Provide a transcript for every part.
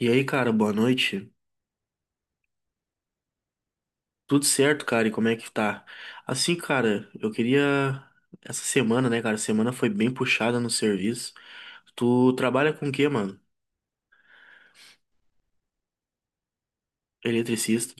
E aí, cara, boa noite. Tudo certo, cara? E como é que tá? Assim, cara, eu queria. Essa semana, né, cara? Semana foi bem puxada no serviço. Tu trabalha com o quê, mano? Eletricista.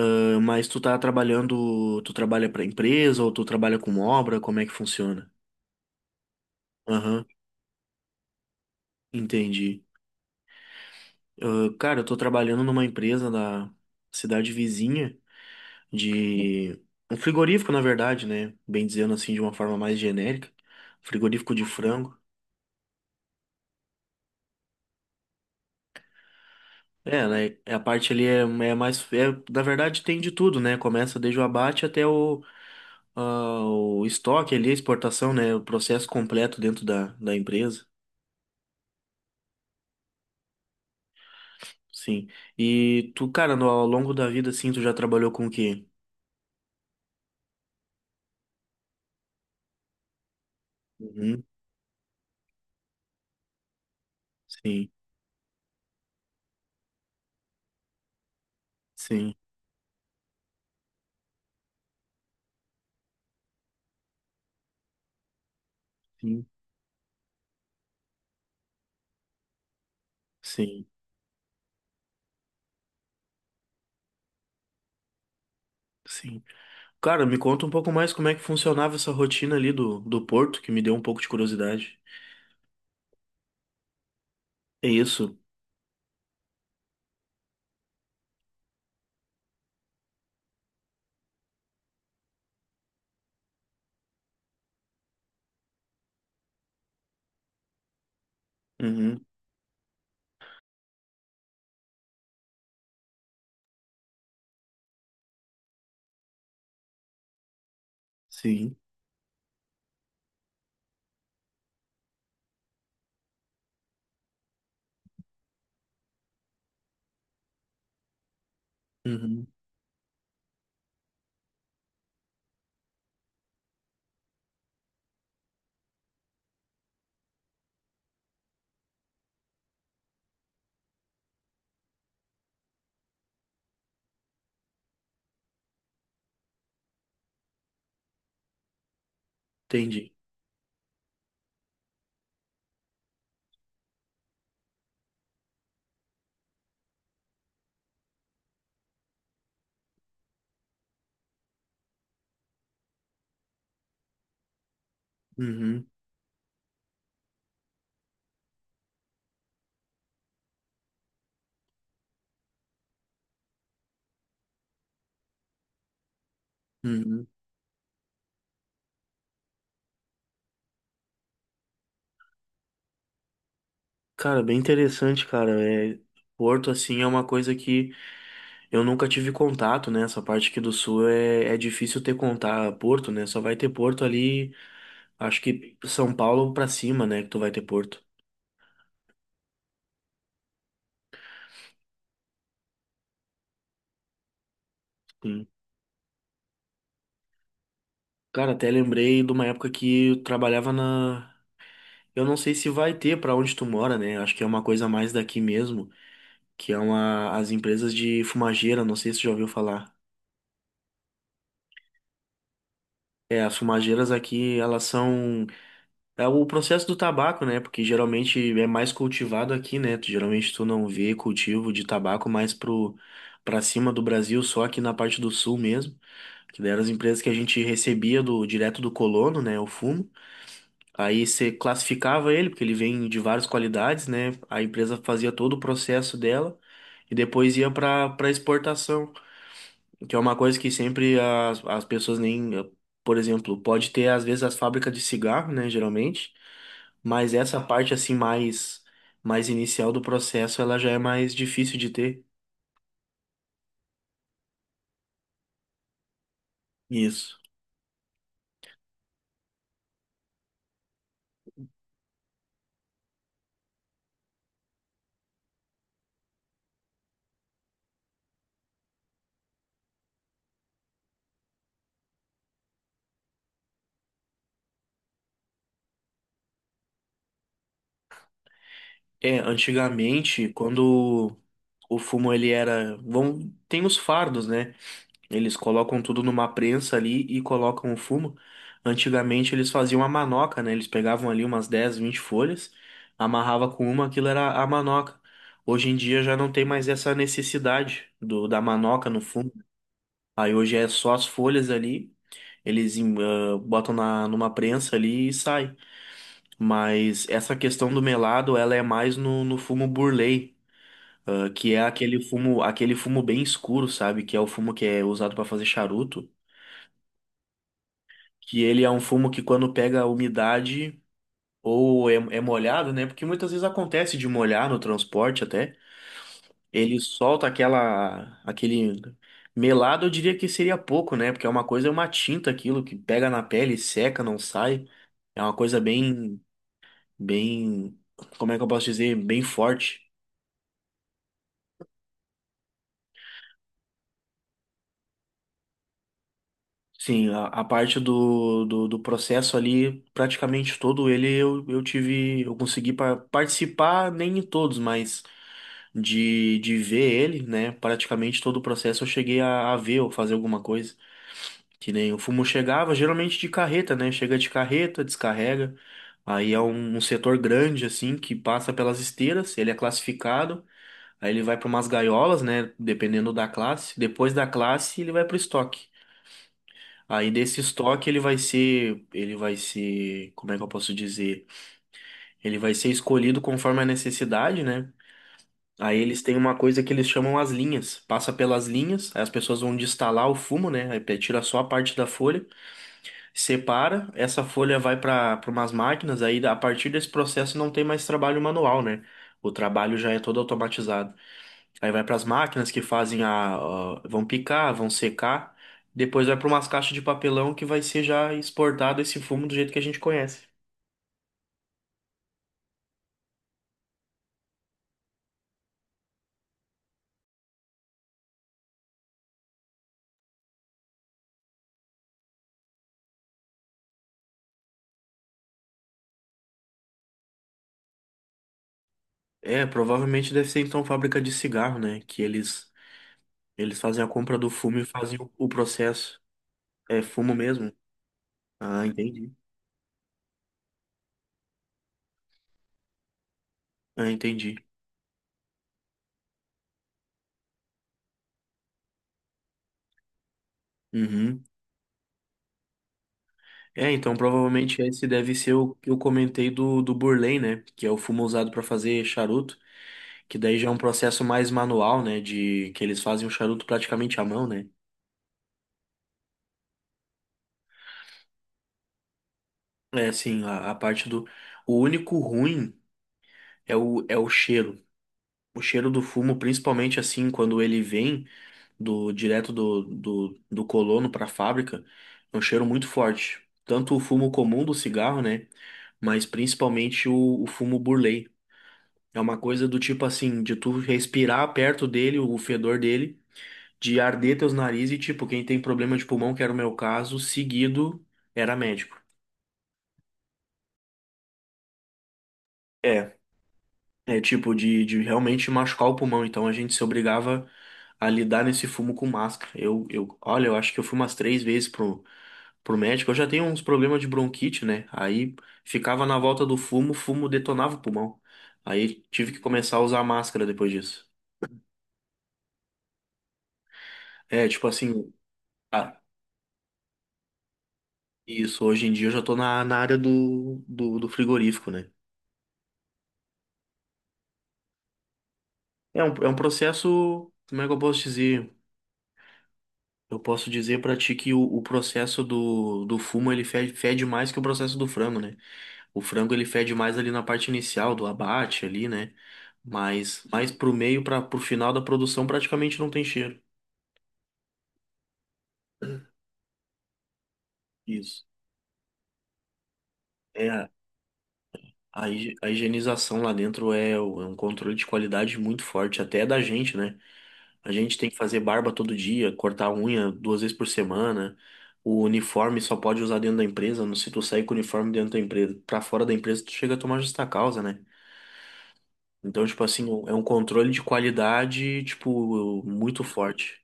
Ah, mas tu tá trabalhando. Tu trabalha pra empresa ou tu trabalha com obra? Como é que funciona? Aham, entendi. Ah, cara, eu tô trabalhando numa empresa da cidade vizinha de. Um frigorífico, na verdade, né? Bem dizendo assim, de uma forma mais genérica. Frigorífico de frango. É, né? A parte ali é mais. É, na verdade, tem de tudo, né? Começa desde o abate até o, o estoque ali, a exportação, né? O processo completo dentro da empresa. Sim. E tu, cara, no, ao longo da vida, assim, tu já trabalhou com o quê? Uhum. Sim, sim, sim, sim, sim. Cara, me conta um pouco mais como é que funcionava essa rotina ali do Porto, que me deu um pouco de curiosidade. É isso? Uhum. Sim. Uhum. Entendi. Uhum. Uhum. Cara, bem interessante, cara. É, Porto, assim, é uma coisa que eu nunca tive contato, né? Essa parte aqui do Sul é difícil ter contato, Porto, né? Só vai ter Porto ali, acho que São Paulo pra cima, né? Que tu vai ter Porto. Sim. Cara, até lembrei de uma época que eu trabalhava na. Eu não sei se vai ter pra onde tu mora, né? Acho que é uma coisa mais daqui mesmo, que é uma as empresas de fumageira, não sei se tu já ouviu falar. É, as fumageiras aqui, elas são é o processo do tabaco, né? Porque geralmente é mais cultivado aqui, né? Geralmente tu não vê cultivo de tabaco mais pro para cima do Brasil, só aqui na parte do sul mesmo, que daí eram as empresas que a gente recebia do direto do colono, né? O fumo. Aí você classificava ele, porque ele vem de várias qualidades, né? A empresa fazia todo o processo dela e depois ia para exportação. Que é uma coisa que sempre as, as pessoas nem. Por exemplo, pode ter às vezes as fábricas de cigarro, né? Geralmente. Mas essa parte assim mais inicial do processo, ela já é mais difícil de ter. Isso. É, antigamente, quando o fumo ele era, vão, tem os fardos, né? Eles colocam tudo numa prensa ali e colocam o fumo. Antigamente eles faziam a manoca, né? Eles pegavam ali umas 10, 20 folhas, amarrava com uma, aquilo era a manoca. Hoje em dia já não tem mais essa necessidade do da manoca no fumo. Aí hoje é só as folhas ali, eles botam na, numa prensa ali e sai. Mas essa questão do melado, ela é mais no, no fumo burley. Que é aquele fumo bem escuro, sabe? Que é o fumo que é usado para fazer charuto. Que ele é um fumo que quando pega a umidade ou é molhado, né? Porque muitas vezes acontece de molhar no transporte até, ele solta aquela aquele melado, eu diria que seria pouco, né? Porque é uma coisa, é uma tinta aquilo que pega na pele, seca, não sai. É uma coisa bem, como é que eu posso dizer, bem forte. Sim, a parte do processo ali, praticamente todo ele eu tive, eu consegui participar, nem em todos, mas de ver ele, né? Praticamente todo o processo eu cheguei a ver ou fazer alguma coisa. Que nem o fumo chegava, geralmente de carreta, né? Chega de carreta, descarrega. Aí é um setor grande, assim, que passa pelas esteiras, ele é classificado, aí ele vai para umas gaiolas, né? Dependendo da classe. Depois da classe, ele vai para o estoque. Aí desse estoque ele vai ser, como é que eu posso dizer? Ele vai ser escolhido conforme a necessidade, né? Aí eles têm uma coisa que eles chamam as linhas. Passa pelas linhas, aí as pessoas vão destalar o fumo, né? Aí tira só a parte da folha, separa, essa folha vai para umas máquinas, aí a partir desse processo não tem mais trabalho manual, né? O trabalho já é todo automatizado. Aí vai para as máquinas que fazem vão picar, vão secar, depois vai para umas caixas de papelão que vai ser já exportado esse fumo do jeito que a gente conhece. É, provavelmente deve ser então fábrica de cigarro, né? Que eles eles fazem a compra do fumo e fazem o processo. É fumo mesmo? Ah, entendi. Ah, entendi. Uhum. É, então provavelmente esse deve ser o que eu comentei do Burley, né? Que é o fumo usado para fazer charuto, que daí já é um processo mais manual, né? De que eles fazem o charuto praticamente à mão, né? É, sim, a parte do. O único ruim é é o cheiro. O cheiro do fumo, principalmente assim, quando ele vem do direto do colono para a fábrica, é um cheiro muito forte. Tanto o fumo comum do cigarro, né? Mas principalmente o fumo burley. É uma coisa do tipo assim, de tu respirar perto dele, o fedor dele, de arder teus narizes e tipo, quem tem problema de pulmão, que era o meu caso, seguido era médico. É. É tipo de realmente machucar o pulmão. Então a gente se obrigava a lidar nesse fumo com máscara. Olha, eu acho que eu fui umas três vezes pro médico. Eu já tenho uns problemas de bronquite, né? Aí ficava na volta do fumo, o fumo detonava o pulmão. Aí tive que começar a usar máscara depois disso. É, tipo assim, ah, isso, hoje em dia eu já tô na, na área do frigorífico, né? É é um processo, como é que eu posso dizer? Eu posso dizer pra ti que o processo do fumo ele fede, fede mais que o processo do frango, né? O frango ele fede mais ali na parte inicial do abate ali, né? Mas mais pro meio para pro final da produção praticamente não tem cheiro. Isso. É a higienização lá dentro é um controle de qualidade muito forte até da gente, né? A gente tem que fazer barba todo dia, cortar unha duas vezes por semana. O uniforme só pode usar dentro da empresa. Se tu sair com o uniforme dentro da empresa, pra fora da empresa, tu chega a tomar justa causa, né? Então, tipo assim, é um controle de qualidade, tipo, muito forte.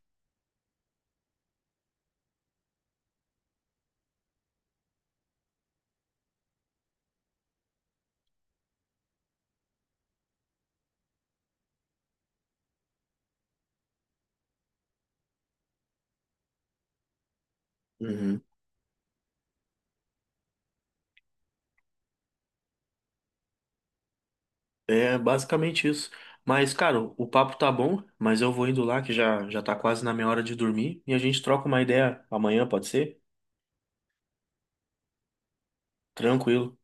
Uhum. É basicamente isso. Mas, cara, o papo tá bom, mas eu vou indo lá que já, já tá quase na minha hora de dormir e a gente troca uma ideia amanhã, pode ser? Tranquilo.